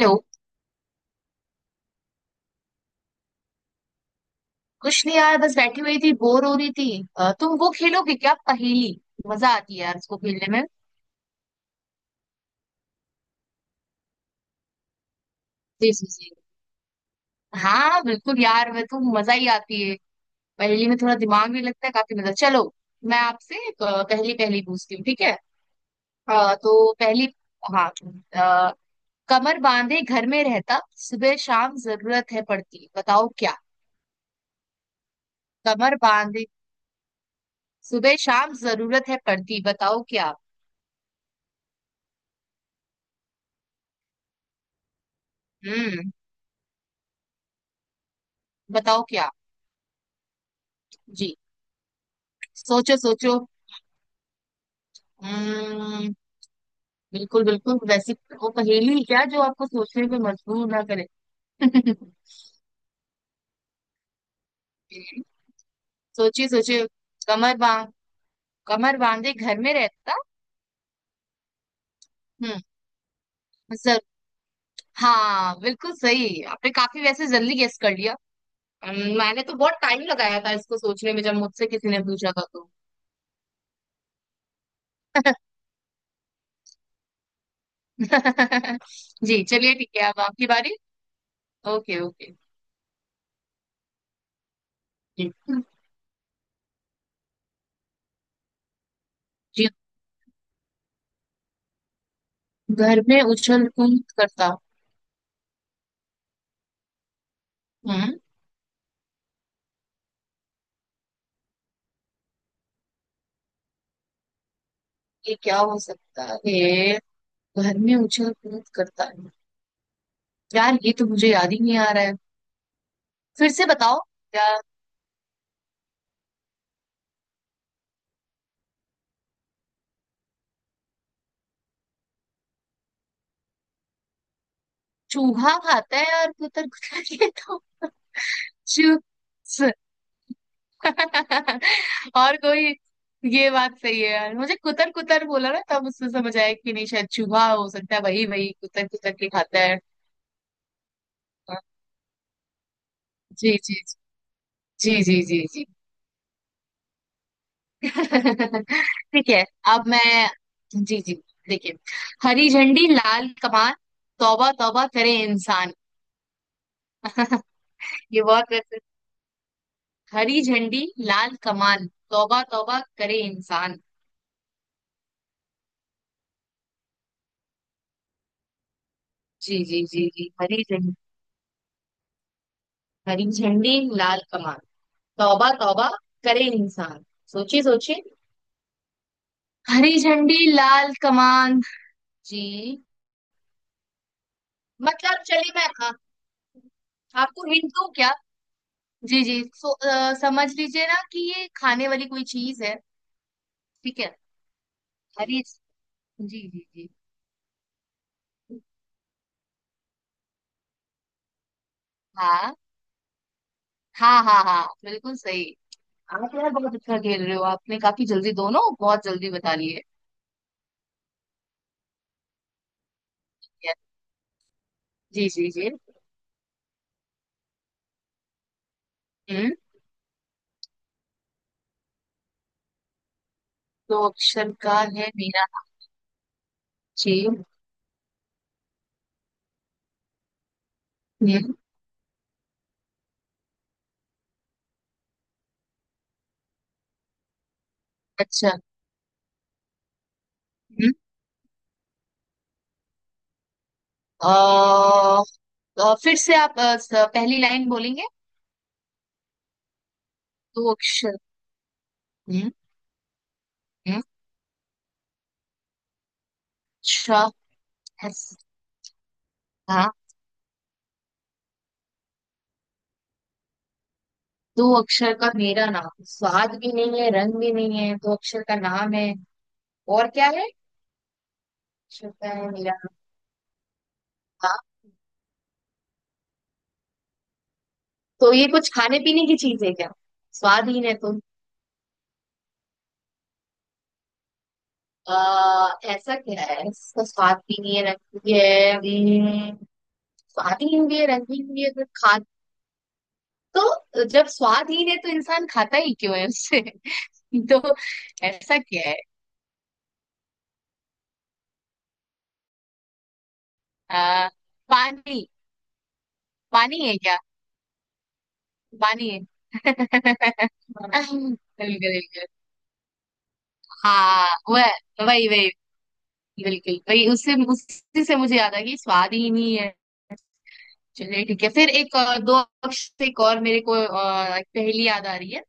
Hello. कुछ नहीं यार, बस बैठी हुई थी, बोर हो रही थी। तुम वो खेलोगे क्या, पहेली? मजा आती है यार इसको खेलने में। जी जी जी। हाँ बिल्कुल यार, वह तो मजा ही आती है। पहेली में थोड़ा दिमाग भी लगता है, काफी मजा। चलो, मैं आपसे एक, पहली पहली पूछती हूँ, ठीक है? तो पहली। हाँ। अ, कमर बांधे घर में रहता, सुबह शाम जरूरत है पड़ती, बताओ क्या? कमर बांधे सुबह शाम जरूरत है पड़ती, बताओ क्या? हम्म बताओ क्या। जी। सोचो सोचो। हम्म, बिल्कुल बिल्कुल वैसी। वो पहेली क्या जो आपको सोचने पे मजबूर ना करे। सोचिए सोचिए। कमर बांध कमर बांधे घर में रहता। हम्म सर। हाँ बिल्कुल सही, आपने काफी वैसे जल्दी गेस कर लिया। मैंने तो बहुत टाइम लगाया था इसको सोचने में जब मुझसे किसी ने पूछा था तो। जी, चलिए ठीक है, अब आपकी बारी। Okay okay. जी जी। घर में उछल कूद करता। हम्म ये क्या हो सकता है? घर में उछल कूद करता है। यार, ये तो मुझे याद ही नहीं आ रहा है। फिर से बताओ, क्या? चूहा खाता है और कुतर कुतर के तो। चूस। और कोई? ये बात सही है यार, मुझे कुतर कुतर बोला ना तब उससे समझ आया कि नहीं शायद चूहा हो सकता है, वही वही कुतर कुतर के खाता है। हाँ, जी जी जी जी जी जी जी। ठीक है, अब मैं। जी जी, देखिए, हरी झंडी लाल कमान, तौबा तौबा करे इंसान। ये बहुत वैसे। हरी झंडी लाल कमान, तौबा तौबा करे इंसान। जी जी जी जी, हरी झंडी। हरी झंडी लाल कमान, तौबा तौबा करे इंसान। सोचिए सोचिए। हरी झंडी लाल कमान। जी। मतलब चलिए मैं आपको हिंट दूं क्या? जी जी। समझ लीजिए ना कि ये खाने वाली कोई चीज है, ठीक है? हरी। जी जी जी। हाँ हाँ हाँ हाँ, बिल्कुल सही। आप यार बहुत अच्छा खेल रहे हो, आपने काफी जल्दी, दोनों बहुत जल्दी बता लिए। Yes, जी जी जी। हम्म तो अक्षर का है मीना। जी। हम्म अच्छा। हम्म अ, फिर से आप पहली लाइन बोलेंगे? दो अक्षर। हम्म हम्म अच्छा। yes, हाँ, दो अक्षर का मेरा नाम, स्वाद भी नहीं है, रंग भी नहीं है, दो अक्षर का नाम है। और क्या है? अक्षर का है मेरा नाम। हाँ, तो ये कुछ खाने पीने की चीज है क्या? स्वाद ही है तो। आ, ऐसा क्या है इसका, स्वाद भी नहीं है, रंग भी है। स्वादहीन भी है, रंगीन भी नहीं है, तो खा। तो जब स्वादहीन है तो इंसान खाता ही क्यों है उससे। तो ऐसा क्या है? आ, पानी। पानी है क्या? पानी है। बिल्कुल बिल्कुल। हाँ, वह वही वही, बिल्कुल वही। उससे उसी से मुझे याद आ गई, स्वाद ही नहीं है। चलिए ठीक है फिर एक, दो अक्षर से एक और मेरे को एक पहेली याद आ रही है।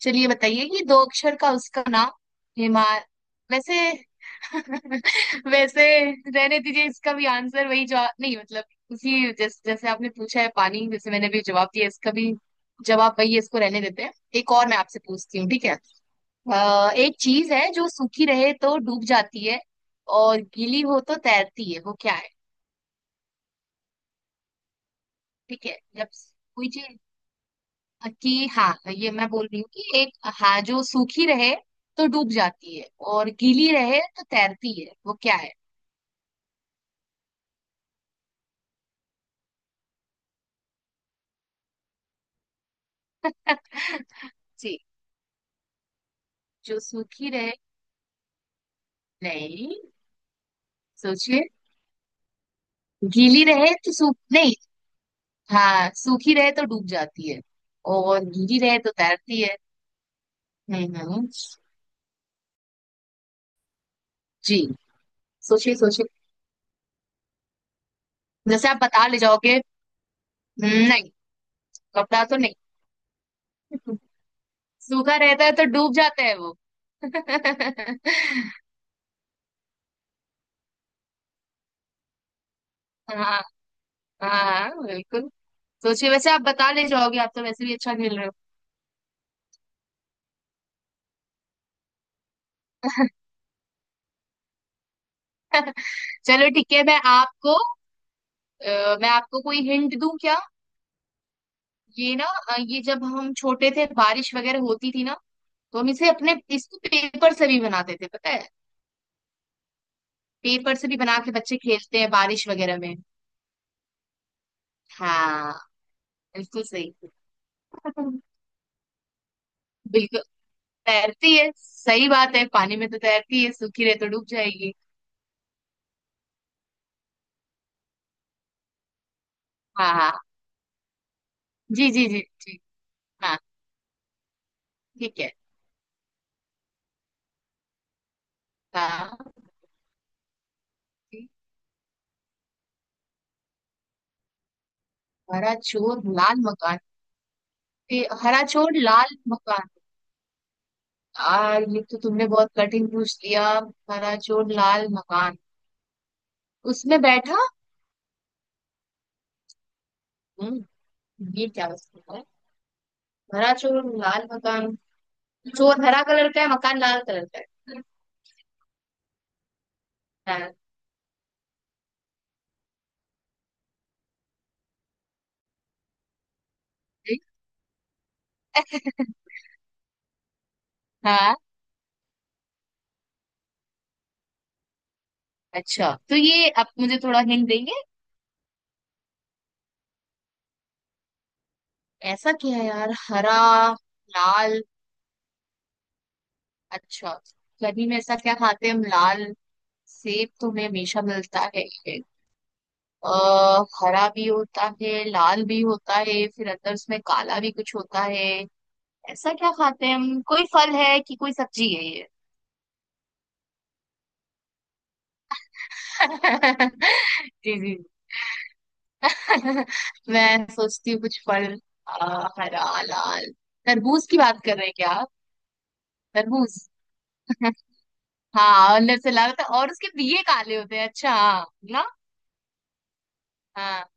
चलिए बताइए कि दो अक्षर का उसका नाम। हिमा वैसे। वैसे रहने दीजिए, इसका भी आंसर वही। जवाब नहीं, मतलब उसी जैसे जैसे आपने पूछा है, पानी जैसे मैंने भी जवाब दिया, इसका भी जवाब वही है, इसको रहने देते हैं। एक और मैं आपसे पूछती हूँ, ठीक है? एक चीज है जो सूखी रहे तो डूब जाती है, और गीली हो तो तैरती है, वो क्या है? ठीक है, जब कोई चीज, कि हाँ ये मैं बोल रही हूँ कि एक, हाँ, जो सूखी रहे तो डूब जाती है और गीली रहे तो तैरती है, वो क्या है? जी, जो सूखी रहे, नहीं, सोचिए। गीली रहे तो सूख नहीं। हाँ, सूखी रहे तो डूब जाती है और गीली रहे तो तैरती है। हम्म हम्म। जी, सोचिए सोचिए। जैसे आप बता ले जाओगे। नहीं, कपड़ा तो नहीं, सूखा रहता है तो डूब जाता है वो। हाँ हाँ बिल्कुल। सोचिए, वैसे आप बता ले जाओगे, आप तो वैसे भी अच्छा खेल रहे हो। चलो ठीक है, मैं आपको, मैं आपको कोई हिंट दूं क्या? ये ना, ये जब हम छोटे थे बारिश वगैरह होती थी ना, तो हम इसे अपने, इसको पेपर से भी बनाते थे, पता है? पेपर से भी बना के बच्चे खेलते हैं बारिश वगैरह में। हाँ, बिल्कुल सही। बिल्कुल, तैरती है, सही बात है, पानी में तो तैरती है, सूखी रहे तो डूब जाएगी। हाँ हाँ, जी जी जी जी। हाँ, ठीक है। हाँ, हरा चोर लाल मकान। ये हरा चोर लाल मकान, आ, ये तो तुमने बहुत कठिन पूछ लिया। हरा चोर लाल मकान, उसमें बैठा। हम्म, ये क्या उसमें है? हरा चोर लाल मकान, चोर हरा कलर का है, मकान लाल कलर का है। हाँ। ठीक? हाँ, अच्छा, तो ये आप मुझे थोड़ा हिंट देंगे? ऐसा क्या है यार, हरा, लाल। अच्छा, गर्मी में ऐसा क्या खाते हैं हम, लाल? सेब तो हमें हमेशा मिलता है। अ, हरा भी होता है, लाल भी होता है, फिर अंदर उसमें काला भी कुछ होता है। ऐसा क्या खाते हैं हम, कोई फल है कि कोई सब्जी है ये? जी जी। मैं सोचती हूँ कुछ फल, हरा लाल, तरबूज की बात कर रहे हैं क्या आप? तरबूज, हाँ, अंदर से लाल होता है और उसके बीए काले होते हैं, अच्छा, हाँ। ना। हाँ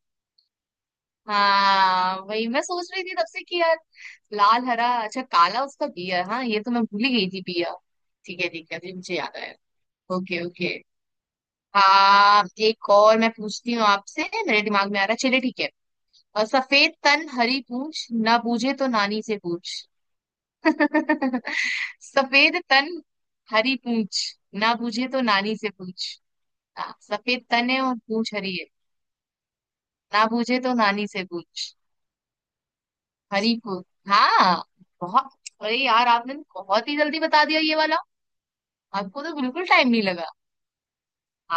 हाँ, वही मैं सोच रही थी तब से कि यार, लाल हरा, अच्छा, काला, उसका बिया, हाँ, ये तो मैं भूल ही गई थी, बिया। ठीक है ठीक है, अभी मुझे याद आया। ओके ओके, हाँ, एक और मैं पूछती हूँ आपसे, मेरे दिमाग में आ रहा है, चलिए ठीक है। सफेद तन हरी पूछ, ना बूझे तो नानी से पूछ। सफेद तन हरी पूछ, ना बूझे तो नानी से पूछ। हाँ, सफेद तन है और पूछ हरी है, ना बूझे तो नानी से पूछ। हरी पूछ। हाँ, बहुत, अरे यार आपने बहुत ही जल्दी बता दिया ये वाला, आपको तो बिल्कुल टाइम नहीं लगा।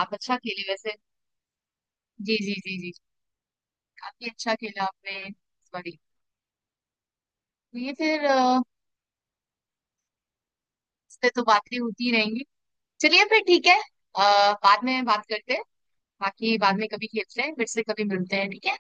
आप अच्छा खेले वैसे। जी जी जी जी, काफी अच्छा खेला आपने। सॉरी। तो ये फिर इस पे तो बातें होती रहेंगी, चलिए फिर ठीक है, बाद में बात करते हैं। बाकी बाद में कभी खेलते हैं, फिर से कभी मिलते हैं, ठीक है।